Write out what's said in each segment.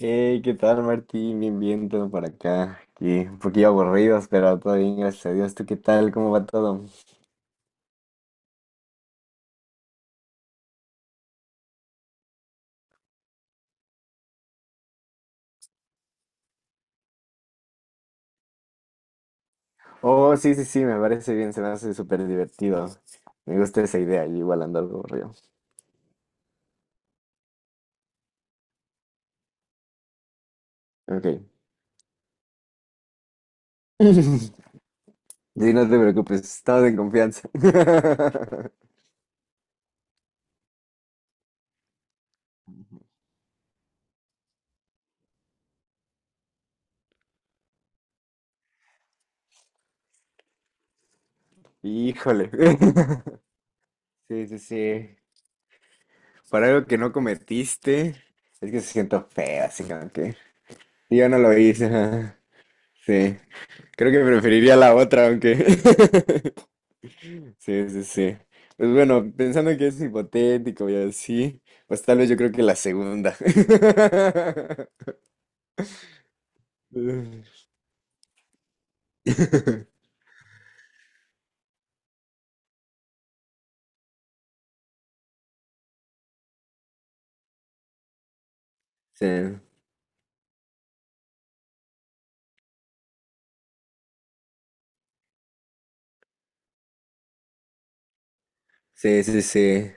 Hey, ¿qué tal, Martín? Bien, bien, todo por acá. Aquí, un poquillo aburridos, pero todo bien, gracias a Dios. ¿Tú qué tal? ¿Cómo va todo? Oh, sí, sí, sí, me parece bien, se me hace súper divertido. Me gusta esa idea, yo igual ando algo aburrido. Ok. Sí, no te preocupes, estamos en confianza. Híjole. Sí, sí, sí. Para algo que no cometiste, es que se siento feo, así como que yo no lo hice. Ajá. Sí. Creo que preferiría la otra, aunque. Sí, sí, sí. Pues bueno, pensando que es hipotético y así, pues tal vez yo creo que la segunda. Sí, sí, sí, sí.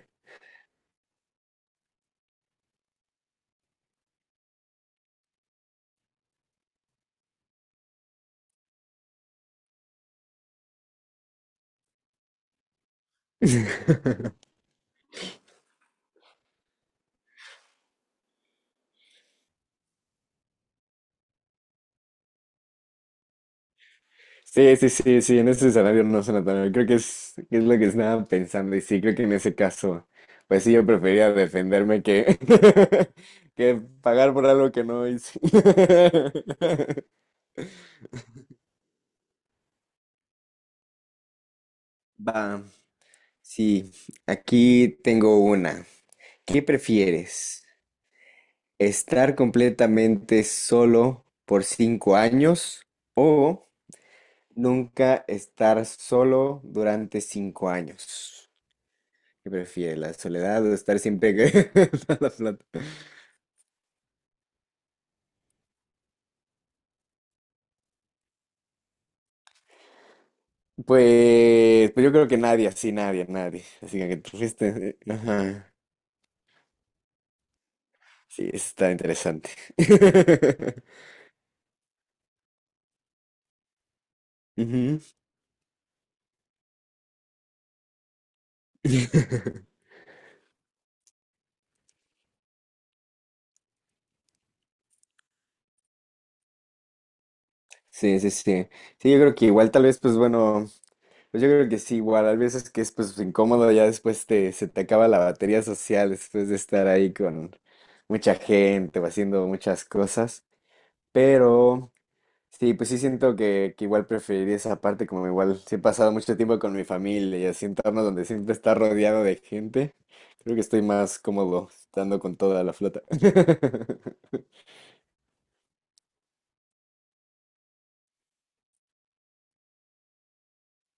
Sí, sí, sí, sí, en ese escenario no suena tan mal. Creo que es lo que estaba pensando y sí, creo que en ese caso, pues sí, yo prefería defenderme que, que pagar por algo que no hice. Va, sí, aquí tengo una. ¿Qué prefieres? ¿Estar completamente solo por 5 años o nunca estar solo durante 5 años? ¿Qué prefieres? ¿La soledad o estar siempre toda la plata? Pues, pues yo creo que nadie, así nadie, nadie. Así que tú fuiste. Ajá. Sí, eso está interesante. Ujú. Sí, sí, sí. Sí, yo creo que igual tal vez, pues bueno. Pues yo creo que sí, igual, a veces que es pues incómodo, ya después te, se te acaba la batería social después de estar ahí con mucha gente o haciendo muchas cosas, pero sí, pues sí siento que igual preferiría esa parte, como igual sí he pasado mucho tiempo con mi familia y así entornos donde siempre está rodeado de gente, creo que estoy más cómodo estando con toda la flota.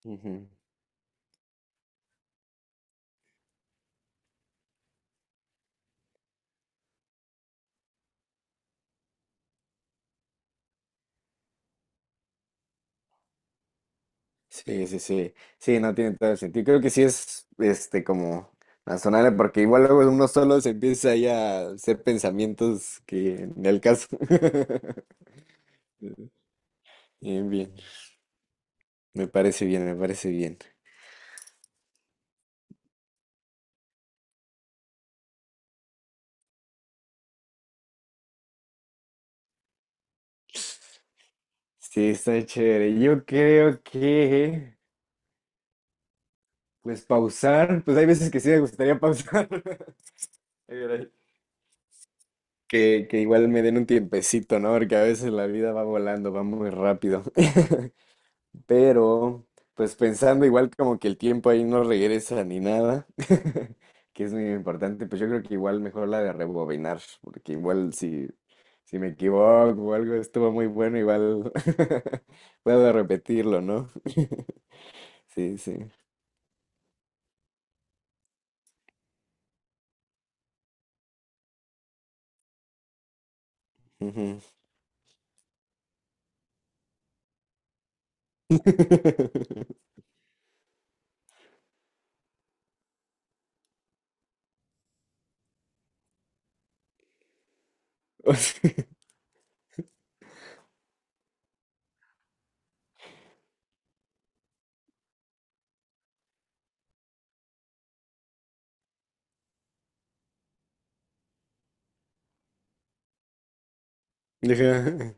Ujú. Sí, sí, sí. Sí, no tiene todo el sentido. Creo que sí es este como razonable, porque igual luego uno solo se empieza ahí a hacer pensamientos que ni al caso. Bien, bien. Me parece bien, me parece bien. Sí, está chévere. Yo creo que, pues pausar, pues hay veces que sí me gustaría pausar. Ay, caray. Que igual me den un tiempecito, ¿no? Porque a veces la vida va volando, va muy rápido. Pero, pues pensando igual como que el tiempo ahí no regresa ni nada, que es muy importante, pues yo creo que igual mejor la de rebobinar, porque igual si me equivoco o algo estuvo muy bueno, igual puedo repetirlo, ¿no? Sí, sí. Ujú. O sea, ajá.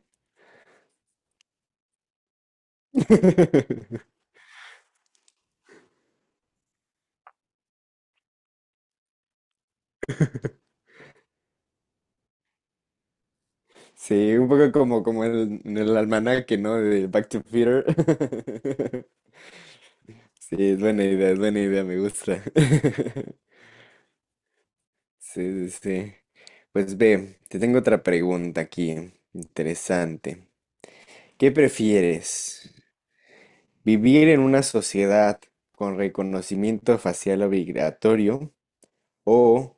Sí, un poco como, como el, en el almanaque, ¿no? De Back to Future. Sí, es buena idea, me gusta. Sí, sí, sí. Pues ve, te tengo otra pregunta aquí, interesante. ¿Qué prefieres? ¿Vivir en una sociedad con reconocimiento facial obligatorio o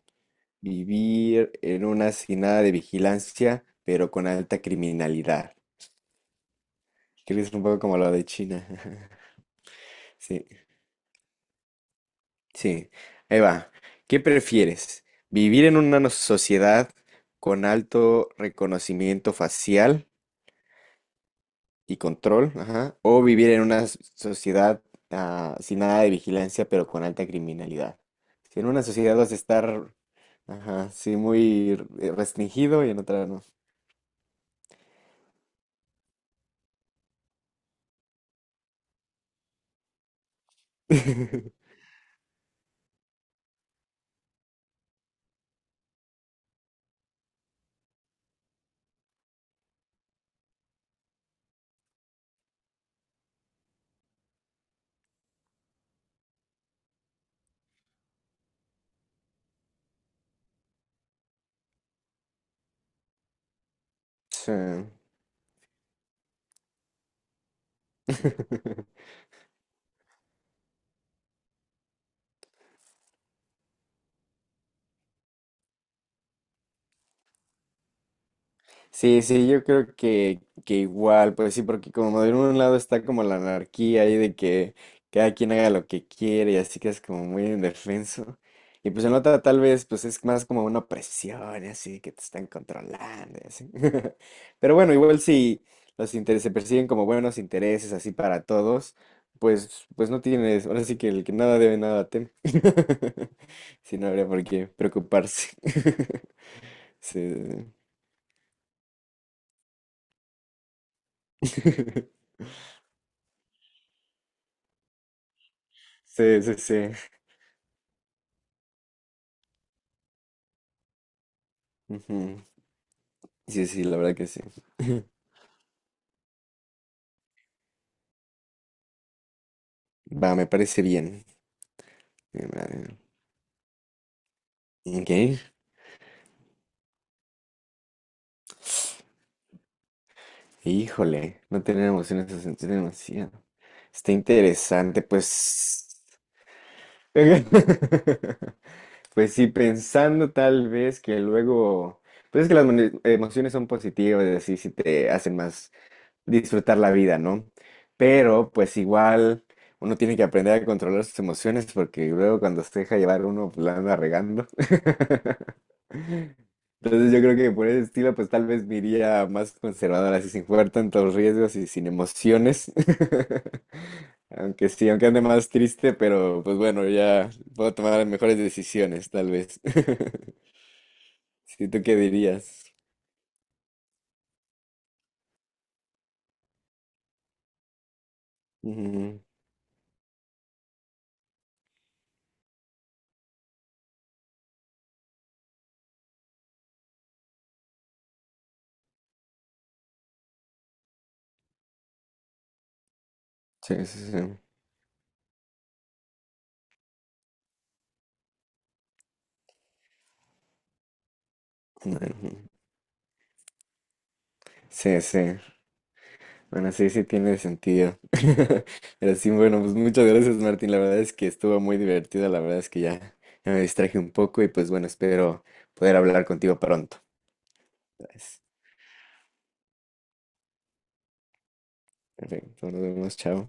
vivir en una sin nada de vigilancia, pero con alta criminalidad? Creo que es un poco como lo de China. Sí. Sí, ahí va. ¿Qué prefieres? ¿Vivir en una sociedad con alto reconocimiento facial y control? Ajá. ¿O vivir en una sociedad sin nada de vigilancia pero con alta criminalidad? Si en una sociedad vas a estar, ajá, sí, muy restringido y en otra no. Sí. Sí, sí, yo creo que igual, pues sí, porque como de un lado está como la anarquía ahí de que cada quien haga lo que quiere y así que es como muy indefenso. Y pues en la otra tal vez pues es más como una presión y así que te están controlando y así. Pero bueno, igual si los intereses se persiguen como buenos intereses así para todos, pues pues no tienes, ahora sí que el que nada debe nada teme. Si no habría por qué preocuparse. Sí. Sí, sí, sí. Ujú. Sí, sí, la verdad que sí. Va, me parece bien. Me parece- Ok. Híjole, no tener emociones es sentir demasiado. Está interesante, pues. Pues sí, pensando tal vez que luego. Pues es que las emociones son positivas, así si te hacen más. Disfrutar la vida, ¿no? Pero pues igual uno tiene que aprender a controlar sus emociones porque luego cuando se deja llevar uno pues, la anda regando. Entonces yo creo que por ese estilo pues tal vez me iría más conservador, así sin jugar tantos riesgos y sin emociones. Aunque sí, aunque ande más triste, pero pues bueno, ya puedo tomar las mejores decisiones tal vez. Sí, ¿tú qué dirías? Ujú. Sí, sí, sí. Bueno, ujú. Sí, sí. Bueno, sí, sí tiene sentido. Pero sí, bueno, pues muchas gracias, Martín. La verdad es que estuvo muy divertido. La verdad es que ya, ya me distraje un poco y pues bueno, espero poder hablar contigo pronto. Perfecto, nos vemos, chao.